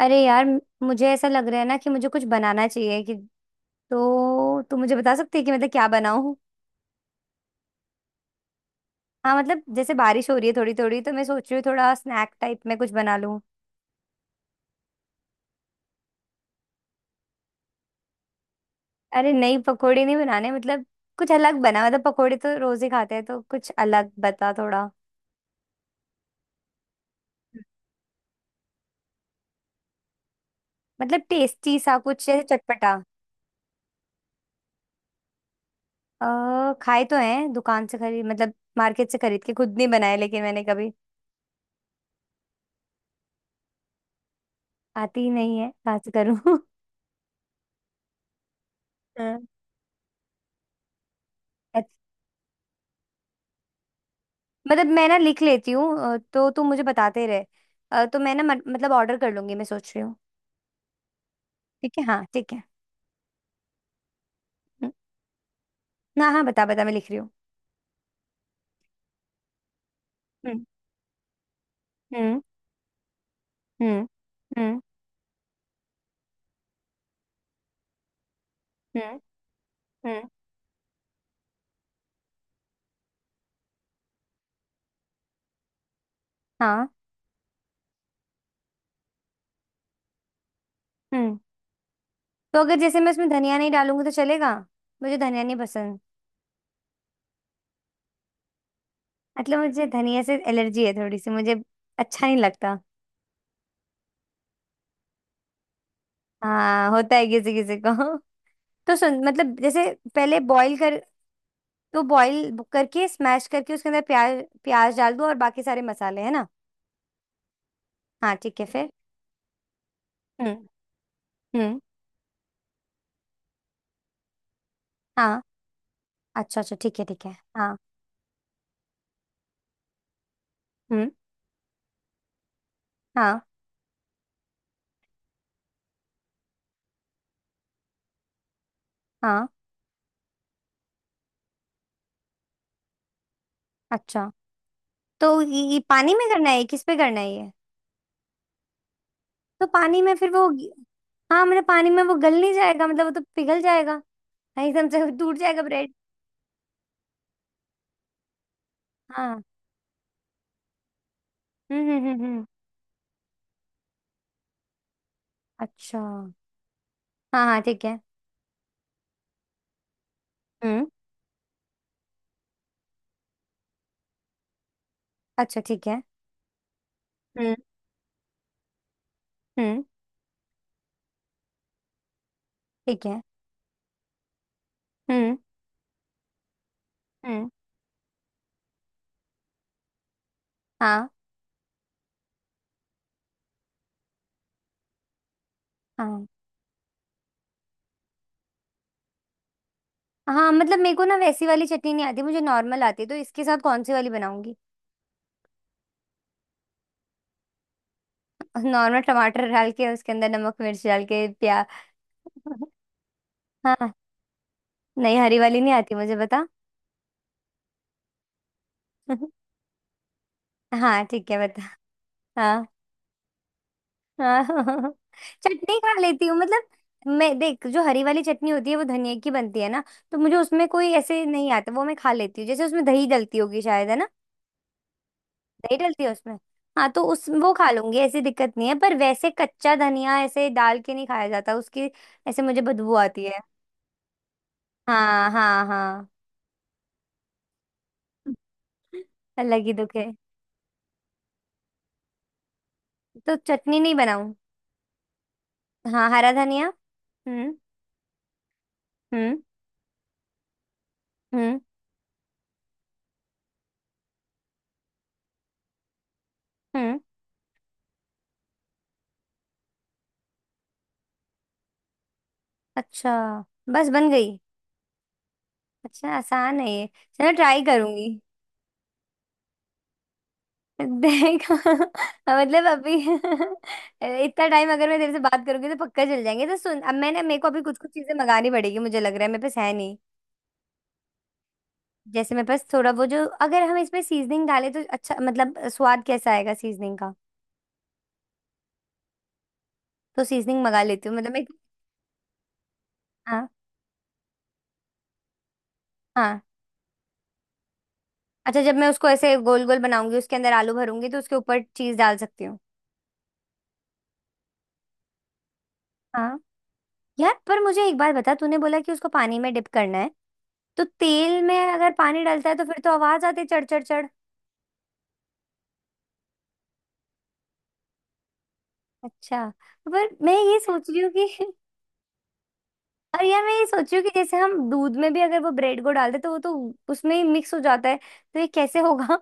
अरे यार, मुझे ऐसा लग रहा है ना कि मुझे कुछ बनाना चाहिए कि तो तू मुझे बता सकती है कि मतलब क्या बनाऊं। हाँ, मतलब जैसे बारिश हो रही है थोड़ी थोड़ी, तो मैं सोच रही हूँ थोड़ा स्नैक टाइप में कुछ बना लूं। अरे नहीं, पकोड़े नहीं बनाने मतलब कुछ अलग बना। मतलब पकोड़े तो रोज ही खाते हैं, तो कुछ अलग बता थोड़ा। मतलब टेस्टी सा कुछ ऐसे चटपटा। खाए तो हैं दुकान से खरीद, मतलब मार्केट से खरीद के, खुद नहीं बनाए लेकिन मैंने कभी। आती ही नहीं है, कहाँ से करूँ। हाँ। मतलब मैं ना लिख लेती हूँ। तो तुम मुझे बताते रहे। तो मैं ना मतलब ऑर्डर कर लूंगी, मैं सोच रही हूँ। ठीक है, हाँ ठीक है। हम्म। हाँ हाँ बता बता, मैं लिख रही हूँ। हम्म हम्म हम्म हम्म। हम्म हम्म। हाँ। हम्म। तो अगर जैसे मैं उसमें धनिया नहीं डालूंगी तो चलेगा? मुझे धनिया नहीं पसंद। मतलब मुझे धनिया से एलर्जी है थोड़ी सी मुझे। अच्छा नहीं लगता। हाँ, होता है किसी किसी को। तो सुन, मतलब जैसे पहले बॉईल कर। तो बॉईल करके स्मैश करके उसके अंदर प्याज प्याज डाल दो और बाकी सारे मसाले, है ना। हाँ ठीक है, फिर। हम्म हम्म। हाँ। अच्छा अच्छा ठीक है ठीक है। हाँ। हम्म। हाँ हाँ। अच्छा, तो ये पानी में करना है, किस पे करना है ये? तो पानी में फिर वो? हाँ, मतलब पानी में वो गल नहीं जाएगा? मतलब वो तो पिघल जाएगा। हाँ, एकदम से टूट जाएगा ब्रेड। हाँ। हम्म। अच्छा। हाँ हाँ ठीक है। हम्म। अच्छा ठीक है। हम्म। हम्म। ठीक है। हम्म। हम्म। हाँ हाँ हाँ। मतलब मेरे को ना वैसी वाली चटनी नहीं आती, मुझे नॉर्मल आती है, तो इसके साथ कौन सी वाली बनाऊंगी? नॉर्मल टमाटर डाल के उसके अंदर नमक मिर्च डाल के प्याज। हाँ। नहीं हरी वाली नहीं आती, मुझे बता। हाँ ठीक है बता। हाँ हाँ। चटनी खा लेती हूँ मतलब। मैं देख जो हरी वाली चटनी होती है वो धनिया की बनती है ना। तो मुझे उसमें कोई ऐसे नहीं आता, वो मैं खा लेती हूँ, जैसे उसमें दही डलती होगी शायद, है ना? नहीं डलती है उसमें। हाँ तो उस वो खा लूंगी, ऐसी दिक्कत नहीं है, पर वैसे कच्चा धनिया ऐसे डाल के नहीं खाया जाता उसकी। ऐसे मुझे बदबू आती है। हाँ हाँ हाँ। अलग ही दुख है। तो चटनी नहीं बनाऊं? हाँ हरा धनिया। हम्म हम्म हम्म हम्म। अच्छा। बस बन गई? अच्छा, आसान है ये। चलो, ट्राई करूंगी। देखा मतलब अभी इतना टाइम अगर मैं तेरे से बात करूंगी तो पक्का चल जाएंगे। तो सुन, अब मैंने, मेरे को अभी कुछ कुछ चीजें मंगानी पड़ेगी, मुझे लग रहा है मेरे पास है नहीं। जैसे मेरे पास थोड़ा वो जो, अगर हम इसमें सीजनिंग डालें तो अच्छा, मतलब स्वाद कैसा आएगा सीजनिंग का? तो सीजनिंग मंगा लेती हूँ मतलब मैं। हाँ। हाँ। अच्छा, जब मैं उसको ऐसे गोल गोल बनाऊंगी उसके अंदर आलू भरूंगी तो उसके ऊपर चीज डाल सकती हूँ? हाँ। यार पर मुझे एक बात बता, तूने बोला कि उसको पानी में डिप करना है। तो तेल में अगर पानी डलता है तो फिर तो आवाज आती है, चढ़ चढ़ चढ़। अच्छा। पर मैं ये सोच रही हूँ कि और यार मैं ये सोच रही हूँ कि जैसे हम दूध में भी अगर वो ब्रेड को डालते तो वो तो उसमें ही मिक्स हो जाता है। तो ये कैसे होगा?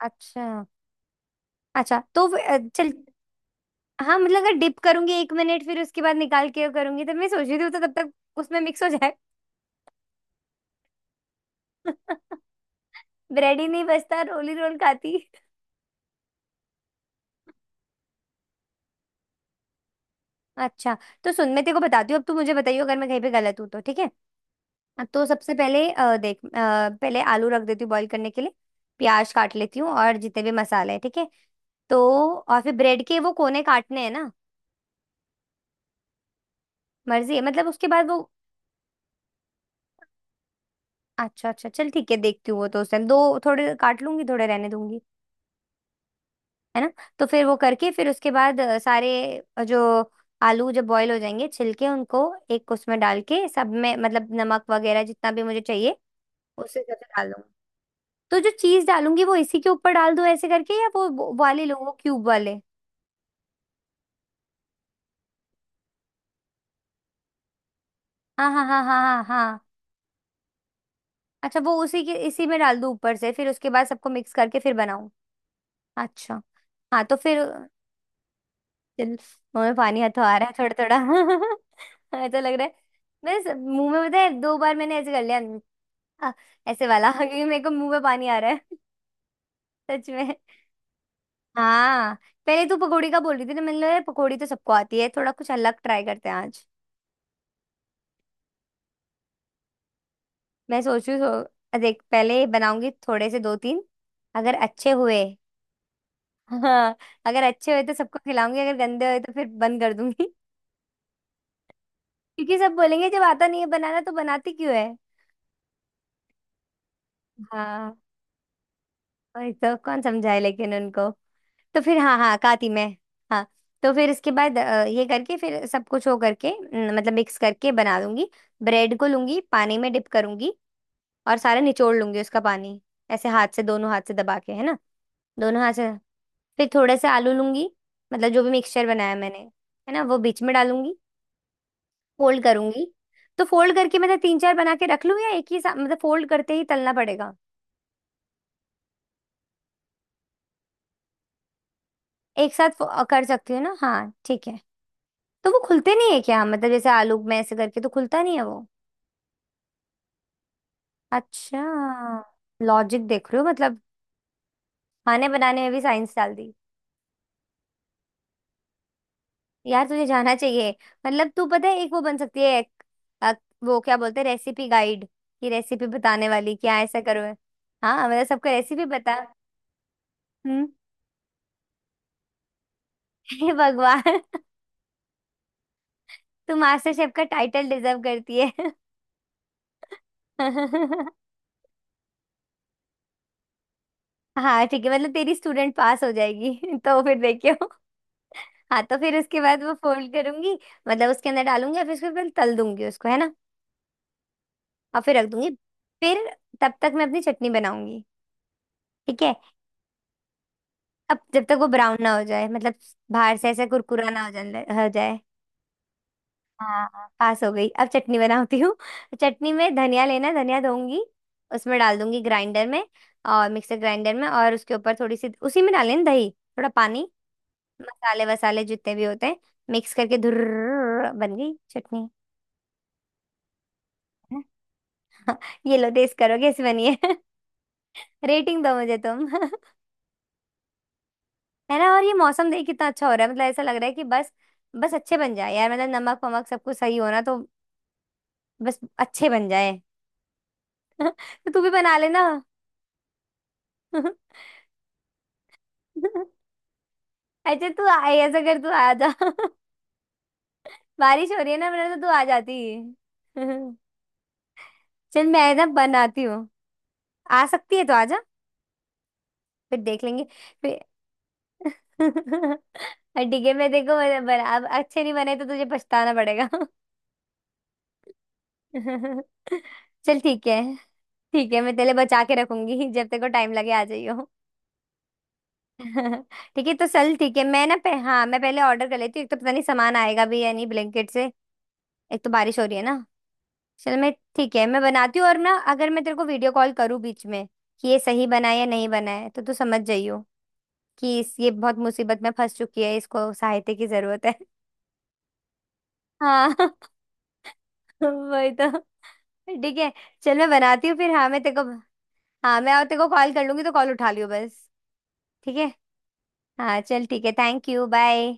अच्छा। अच्छा तो चल। हाँ, मतलब अगर डिप करूंगी एक मिनट फिर उसके बाद निकाल के करूंगी तो मैं सोच रही थी वो तो तब तक उसमें मिक्स हो जाए। ब्रेड ही नहीं बचता, रोल ही रोल खाती। अच्छा। तो सुन, मैं तेरे को बताती हूँ, अब तू मुझे बताइयो अगर मैं कहीं पे गलत हूँ तो ठीक है। तो सबसे पहले देख पहले आलू रख देती हूँ बॉईल करने के लिए। प्याज काट लेती हूँ और जितने भी मसाले हैं, ठीक है। तो, और फिर ब्रेड के वो कोने काटने हैं ना? मर्जी है, मतलब उसके बाद वो। अच्छा अच्छा चल ठीक है, देखती हूँ वो तो उस टाइम दो। थोड़े काट लूंगी, थोड़े रहने दूंगी, है ना। तो फिर वो करके, फिर उसके बाद सारे जो आलू जब बॉईल हो जाएंगे, छिलके उनको एक उसमें डाल के, सब में मतलब नमक वगैरह जितना भी मुझे चाहिए उस हिसाब से डाल दूंगी। तो जो चीज डालूंगी वो इसी के ऊपर डाल दूं ऐसे करके, या वो वाले लो, वो क्यूब वाले? हाँ हाँ हाँ हाँ हाँ हाँ। अच्छा, वो उसी के इसी में डाल दूं ऊपर से, फिर उसके बाद सबको मिक्स करके फिर बनाऊं? अच्छा। हाँ तो फिर। चल। मुंह में पानी हाथों आ रहा है थोड़ा थोड़ा ऐसा लग रहा है। बस मुंह में, पता है, दो बार मैंने ऐसे कर लिया। हाँ, ऐसे वाला क्योंकि मेरे को मुंह में पानी आ रहा है सच में। हाँ। पहले तू पकौड़ी का बोल रही थी ना, मैंने बोला, पकौड़ी तो सबको आती है, थोड़ा कुछ अलग ट्राई करते हैं आज। मैं सोच रही हूँ देख पहले बनाऊंगी थोड़े से दो तीन, अगर अच्छे हुए। हाँ, अगर अच्छे हुए तो सबको खिलाऊंगी, अगर गंदे हुए तो फिर बंद कर दूंगी। क्योंकि सब बोलेंगे, जब आता नहीं है बनाना तो बनाती क्यों है। हाँ। वही तो, कौन समझाए लेकिन उनको। तो फिर, हाँ हाँ काती में। हाँ। तो फिर इसके बाद ये करके फिर सब कुछ हो करके न, मतलब मिक्स करके बना लूंगी। ब्रेड को लूंगी पानी में डिप करूंगी और सारा निचोड़ लूंगी उसका पानी। ऐसे हाथ से, दोनों हाथ से दबा के, है ना। दोनों हाथ से। फिर थोड़े से आलू लूंगी, मतलब जो भी मिक्सचर बनाया मैंने, है ना, वो बीच में डालूंगी, फोल्ड करूंगी। तो फोल्ड करके मतलब तीन चार बना के रख लूं, या एक ही साथ मतलब फोल्ड करते ही तलना पड़ेगा? एक साथ कर सकती हूँ ना, हाँ ठीक है। तो वो खुलते नहीं है क्या? मतलब जैसे आलू में ऐसे करके तो खुलता नहीं है वो? अच्छा। लॉजिक देख रही हो मतलब। खाने बनाने में भी साइंस डाल दी। यार तुझे जाना चाहिए। मतलब तू, पता है, एक वो बन सकती है एक, अ, वो क्या बोलते हैं, रेसिपी गाइड। की रेसिपी बताने वाली, क्या ऐसा करो। हाँ, मतलब सबको रेसिपी बता। हम्म। हे भगवान। तू मास्टर शेफ का टाइटल डिजर्व करती है। हाँ ठीक है, मतलब तेरी स्टूडेंट पास हो जाएगी। तो फिर देखियो। हाँ तो फिर उसके बाद वो फोल्ड करूंगी, मतलब उसके अंदर डालूंगी और फिर उसके बाद तल दूंगी उसको, है ना। और फिर रख दूंगी। फिर तब तक मैं अपनी चटनी बनाऊंगी। ठीक है। अब जब तक वो ब्राउन ना हो जाए, मतलब बाहर से ऐसा कुरकुरा ना हो जाए हो जाए। हाँ हाँ, पास हो गई, अब चटनी बनाती हूँ। चटनी में धनिया लेना, धनिया धोऊंगी, उसमें डाल दूंगी ग्राइंडर में, और मिक्सर ग्राइंडर में, और उसके ऊपर थोड़ी सी उसी में डालें दही, थोड़ा पानी, मसाले वसाले जितने भी होते हैं, मिक्स करके धुर बन गई चटनी। ये लो टेस्ट करो कैसी बनी है। रेटिंग दो मुझे तुम। है ना। और ये मौसम देख कितना अच्छा हो रहा है, मतलब ऐसा लग रहा है कि बस, बस अच्छे बन जाए यार, मतलब नमक वमक सब कुछ सही होना तो। बस अच्छे बन जाए। तो तू भी बना लेना। अच्छा, तू आए ऐसा कर, तू आ जा। बारिश हो रही है ना, वरना तो तू आ जाती। चल, मैं ना बनाती हूँ, आ सकती है तो आ जा, फिर देख लेंगे। फिर और ठीक है मैं, देखो बना अब, अच्छे नहीं बने तो तुझे पछताना पड़ेगा। चल ठीक है। ठीक है, मैं तेरे लिए बचा के रखूंगी, जब तेरे को टाइम लगे आ जाइयो। ठीक है तो चल ठीक है, मैं ना हाँ मैं पहले ऑर्डर कर लेती हूँ, एक तो पता नहीं सामान आएगा भी या नहीं ब्लैंकेट से। एक तो बारिश हो रही है ना। चल, मैं। ठीक है मैं बनाती हूँ, और ना अगर मैं तेरे को वीडियो कॉल करूँ बीच में कि ये सही बना है या नहीं बना है, तो तू समझ जाइयो कि इस ये बहुत मुसीबत में फंस चुकी है, इसको सहायता की जरूरत है। हाँ। वही तो। ठीक है। चल मैं बनाती हूँ फिर, हाँ मैं तेरे को, हाँ मैं और तेरे को कॉल कर लूंगी तो कॉल उठा लियो, बस ठीक है। हाँ चल ठीक है, थैंक यू बाय।